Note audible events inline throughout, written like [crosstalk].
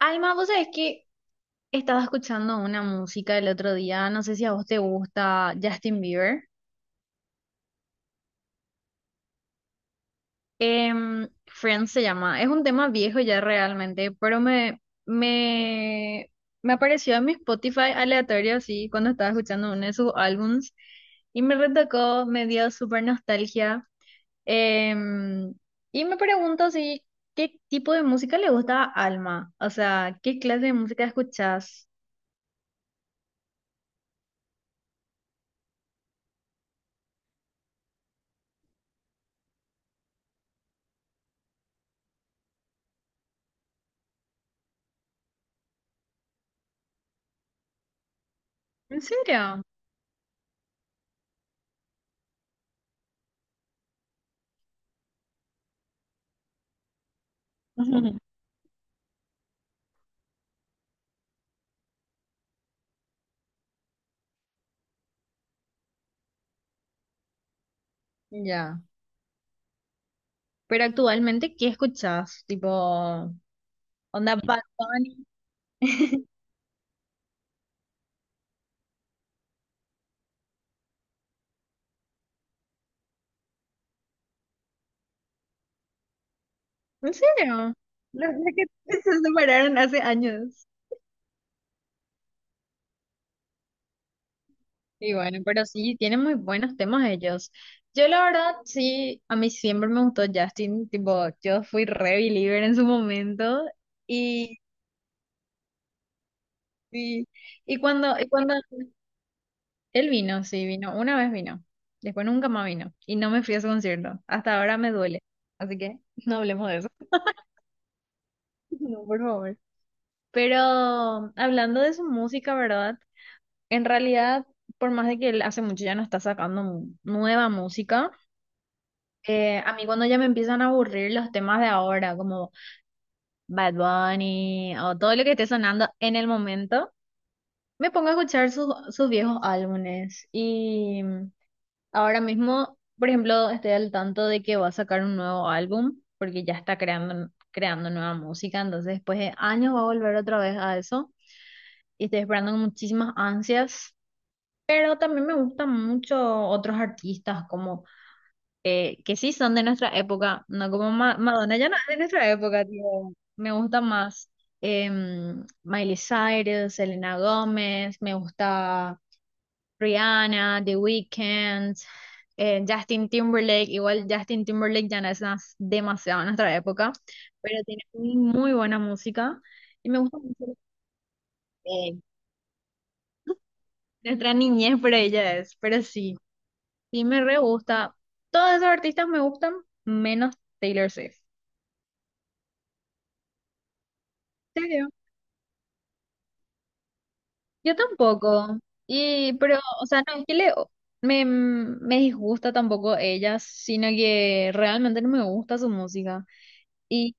Alma, vos sabés que estaba escuchando una música el otro día, no sé si a vos te gusta Justin Bieber. Friends se llama, es un tema viejo ya realmente, pero me apareció en mi Spotify aleatorio así cuando estaba escuchando uno de sus álbums y me retocó, me dio súper nostalgia. Em, y me pregunto si, ¿qué tipo de música le gusta a Alma? O sea, ¿qué clase de música escuchás? ¿En serio? [laughs] Ya. Pero actualmente, ¿qué escuchás? Tipo, onda Bad Bunny. [laughs] ¿En serio? No sé que [laughs] se separaron hace años. Y bueno, pero sí, tienen muy buenos temas ellos. Yo la verdad, sí, a mí siempre me gustó Justin, tipo, yo fui re believer en su momento y, y, y cuando él vino, sí, vino, una vez vino, después nunca más vino y no me fui a su concierto, hasta ahora me duele, así que [laughs] no hablemos de eso. [laughs] No, por favor. Pero hablando de su música, ¿verdad? En realidad, por más de que él hace mucho ya no está sacando nueva música, a mí cuando ya me empiezan a aburrir los temas de ahora, como Bad Bunny o todo lo que esté sonando en el momento, me pongo a escuchar sus viejos álbumes. Y ahora mismo, por ejemplo, estoy al tanto de que va a sacar un nuevo álbum, porque ya está creando nueva música, entonces después de años va a volver otra vez a eso. Y estoy esperando con muchísimas ansias, pero también me gustan mucho otros artistas como que sí son de nuestra época, no como Madonna, ya no es de nuestra época, tipo, me gusta más Miley Cyrus, Selena Gómez, me gusta Rihanna, The Weeknd, Justin Timberlake, igual Justin Timberlake ya no es demasiado en nuestra época, pero tiene muy, muy buena música y me gusta mucho. eh, Nuestra niñez, para ella es. Pero sí, sí me re gusta. Todos esos artistas me gustan, menos Taylor Swift. ¿En serio? Yo tampoco. Y, pero, o sea, no es que le, me disgusta tampoco ella, sino que realmente no me gusta su música. Y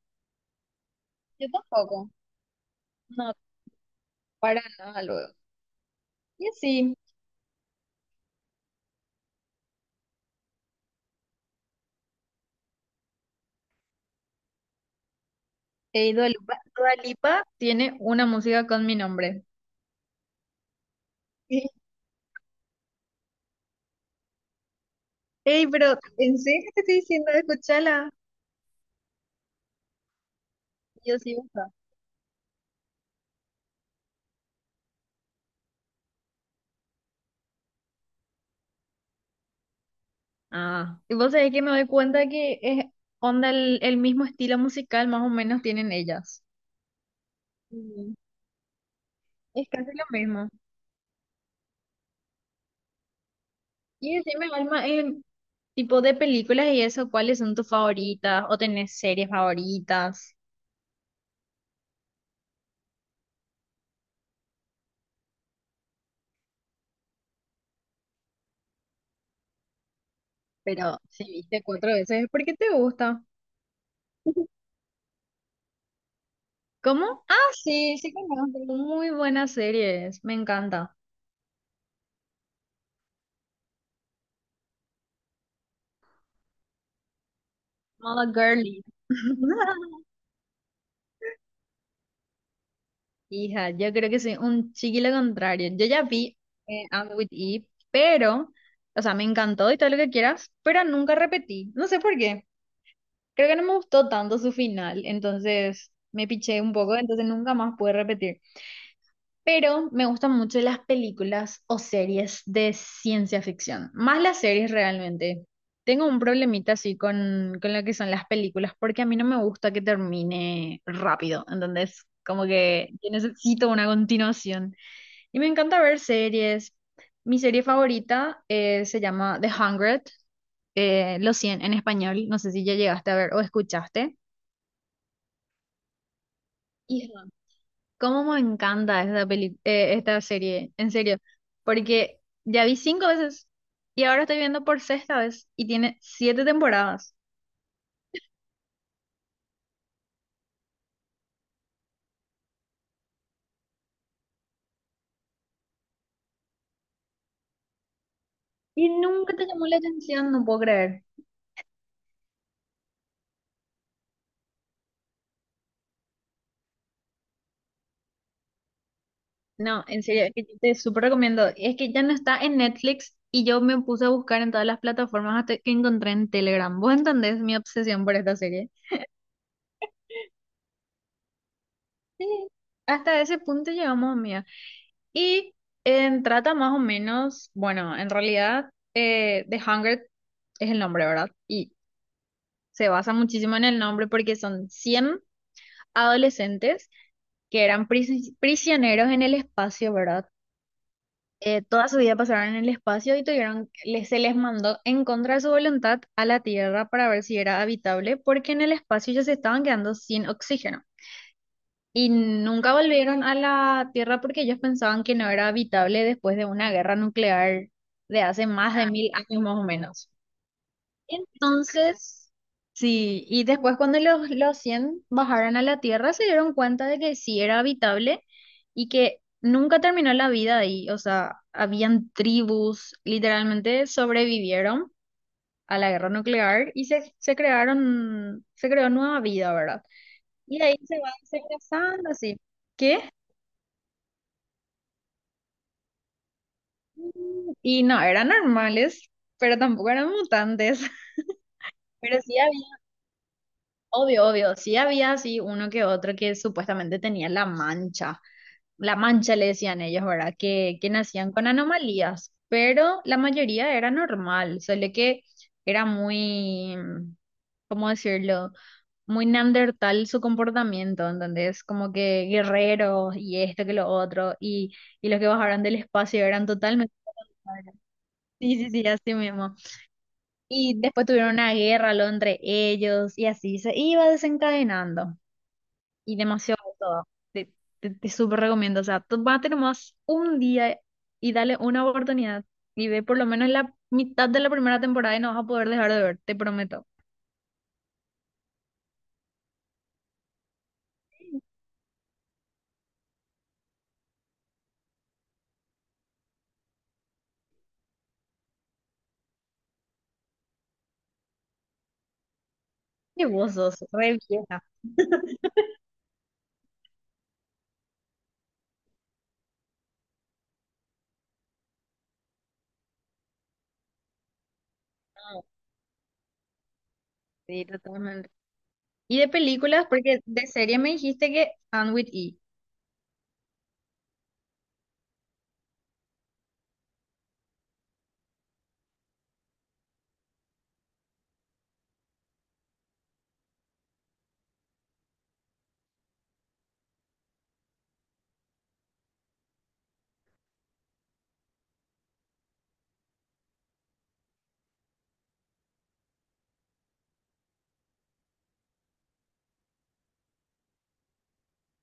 yo tampoco. No, para nada luego. Y así, Dua Lipa, Dua Lipa tiene una música con mi nombre. Sí. Ey, pero ¿en serio te estoy diciendo? Escúchala. Yo sí gusta. Ah, y vos sabés que me doy cuenta que es onda el mismo estilo musical, más o menos tienen ellas. Mm. Es casi lo mismo. Y decime, Alma, en tipo de películas y eso, ¿cuáles son tus favoritas? ¿O tenés series favoritas? Pero si viste cuatro veces, ¿por qué te gusta? [laughs] ¿Cómo? Ah, sí, sí conozco. Muy buenas series, me encanta. Moda Girly. [laughs] Hija, yo creo que soy un chiquillo contrario. Yo ya vi Anne with Eve, pero, o sea, me encantó y todo lo que quieras, pero nunca repetí. No sé por qué. Creo que no me gustó tanto su final, entonces me piché un poco, entonces nunca más pude repetir. Pero me gustan mucho las películas o series de ciencia ficción, más las series realmente. Tengo un problemita así con lo que son las películas, porque a mí no me gusta que termine rápido, entonces como que yo necesito una continuación. Y me encanta ver series. Mi serie favorita se llama The Hundred, Los 100 en español, no sé si ya llegaste a ver o escuchaste. Y cómo me encanta esta esta serie, en serio, porque ya vi 5 veces y ahora estoy viendo por sexta vez y tiene 7 temporadas y nunca te llamó la atención, no puedo creer. No, en serio, es que yo te súper recomiendo. Es que ya no está en Netflix y yo me puse a buscar en todas las plataformas hasta que encontré en Telegram. ¿Vos entendés mi obsesión por esta serie? Sí, hasta ese punto llegamos. Y trata más o menos, bueno, en realidad The Hunger es el nombre, ¿verdad? Y se basa muchísimo en el nombre porque son 100 adolescentes que eran prisioneros en el espacio, ¿verdad? Toda su vida pasaron en el espacio y tuvieron, les, se les mandó en contra de su voluntad a la Tierra para ver si era habitable porque en el espacio ya se estaban quedando sin oxígeno. Y nunca volvieron a la Tierra porque ellos pensaban que no era habitable después de una guerra nuclear de hace más de 1000 años más o menos. Entonces, sí, y después cuando los 100 bajaron a la Tierra se dieron cuenta de que sí era habitable y que nunca terminó la vida ahí. O sea, habían tribus, literalmente sobrevivieron a la guerra nuclear y se crearon, se creó nueva vida, ¿verdad? Y ahí se van segregando así. ¿Qué? Y no eran normales, pero tampoco eran mutantes. [laughs] Pero sí había, obvio, obvio, sí había así uno que otro que supuestamente tenía la mancha. La mancha le decían ellos, ¿verdad? Que nacían con anomalías, pero la mayoría era normal, solo que era muy, ¿cómo decirlo? Muy neandertal su comportamiento, entonces como que guerreros y esto que lo otro, y los que bajaron del espacio eran totalmente... Sí, sí, sí, así mismo. Y después tuvieron una guerra lo entre ellos y así se iba desencadenando. Y demasiado todo. Te, te súper recomiendo. O sea, tú vas a tener más un día y dale una oportunidad. Y ve por lo menos la mitad de la primera temporada y no vas a poder dejar de ver, te prometo. Y vos sos re vieja. No, sí, totalmente. Y de películas, porque de serie me dijiste que Anne with E.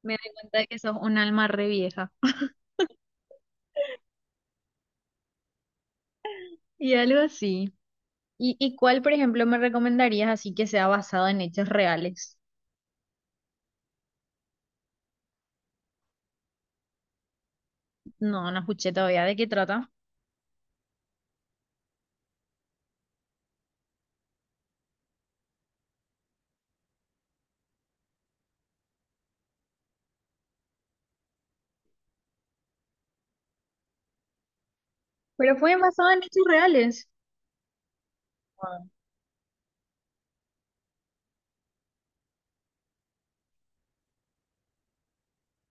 Me di cuenta de que sos un alma re vieja. [laughs] Y algo así. Y cuál, por ejemplo, me recomendarías así que sea basado en hechos reales? No, no escuché todavía de qué trata. Pero fue basado en hechos reales. Wow.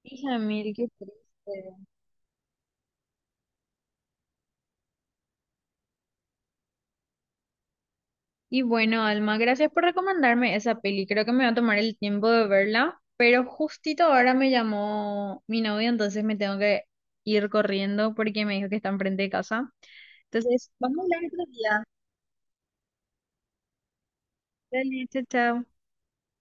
Hija mil, qué triste. Y bueno, Alma, gracias por recomendarme esa peli. Creo que me va a tomar el tiempo de verla, pero justito ahora me llamó mi novio, entonces me tengo que ir corriendo porque me dijo que está enfrente de casa. Entonces, vamos a hablar otro día. Dale, chao, chao.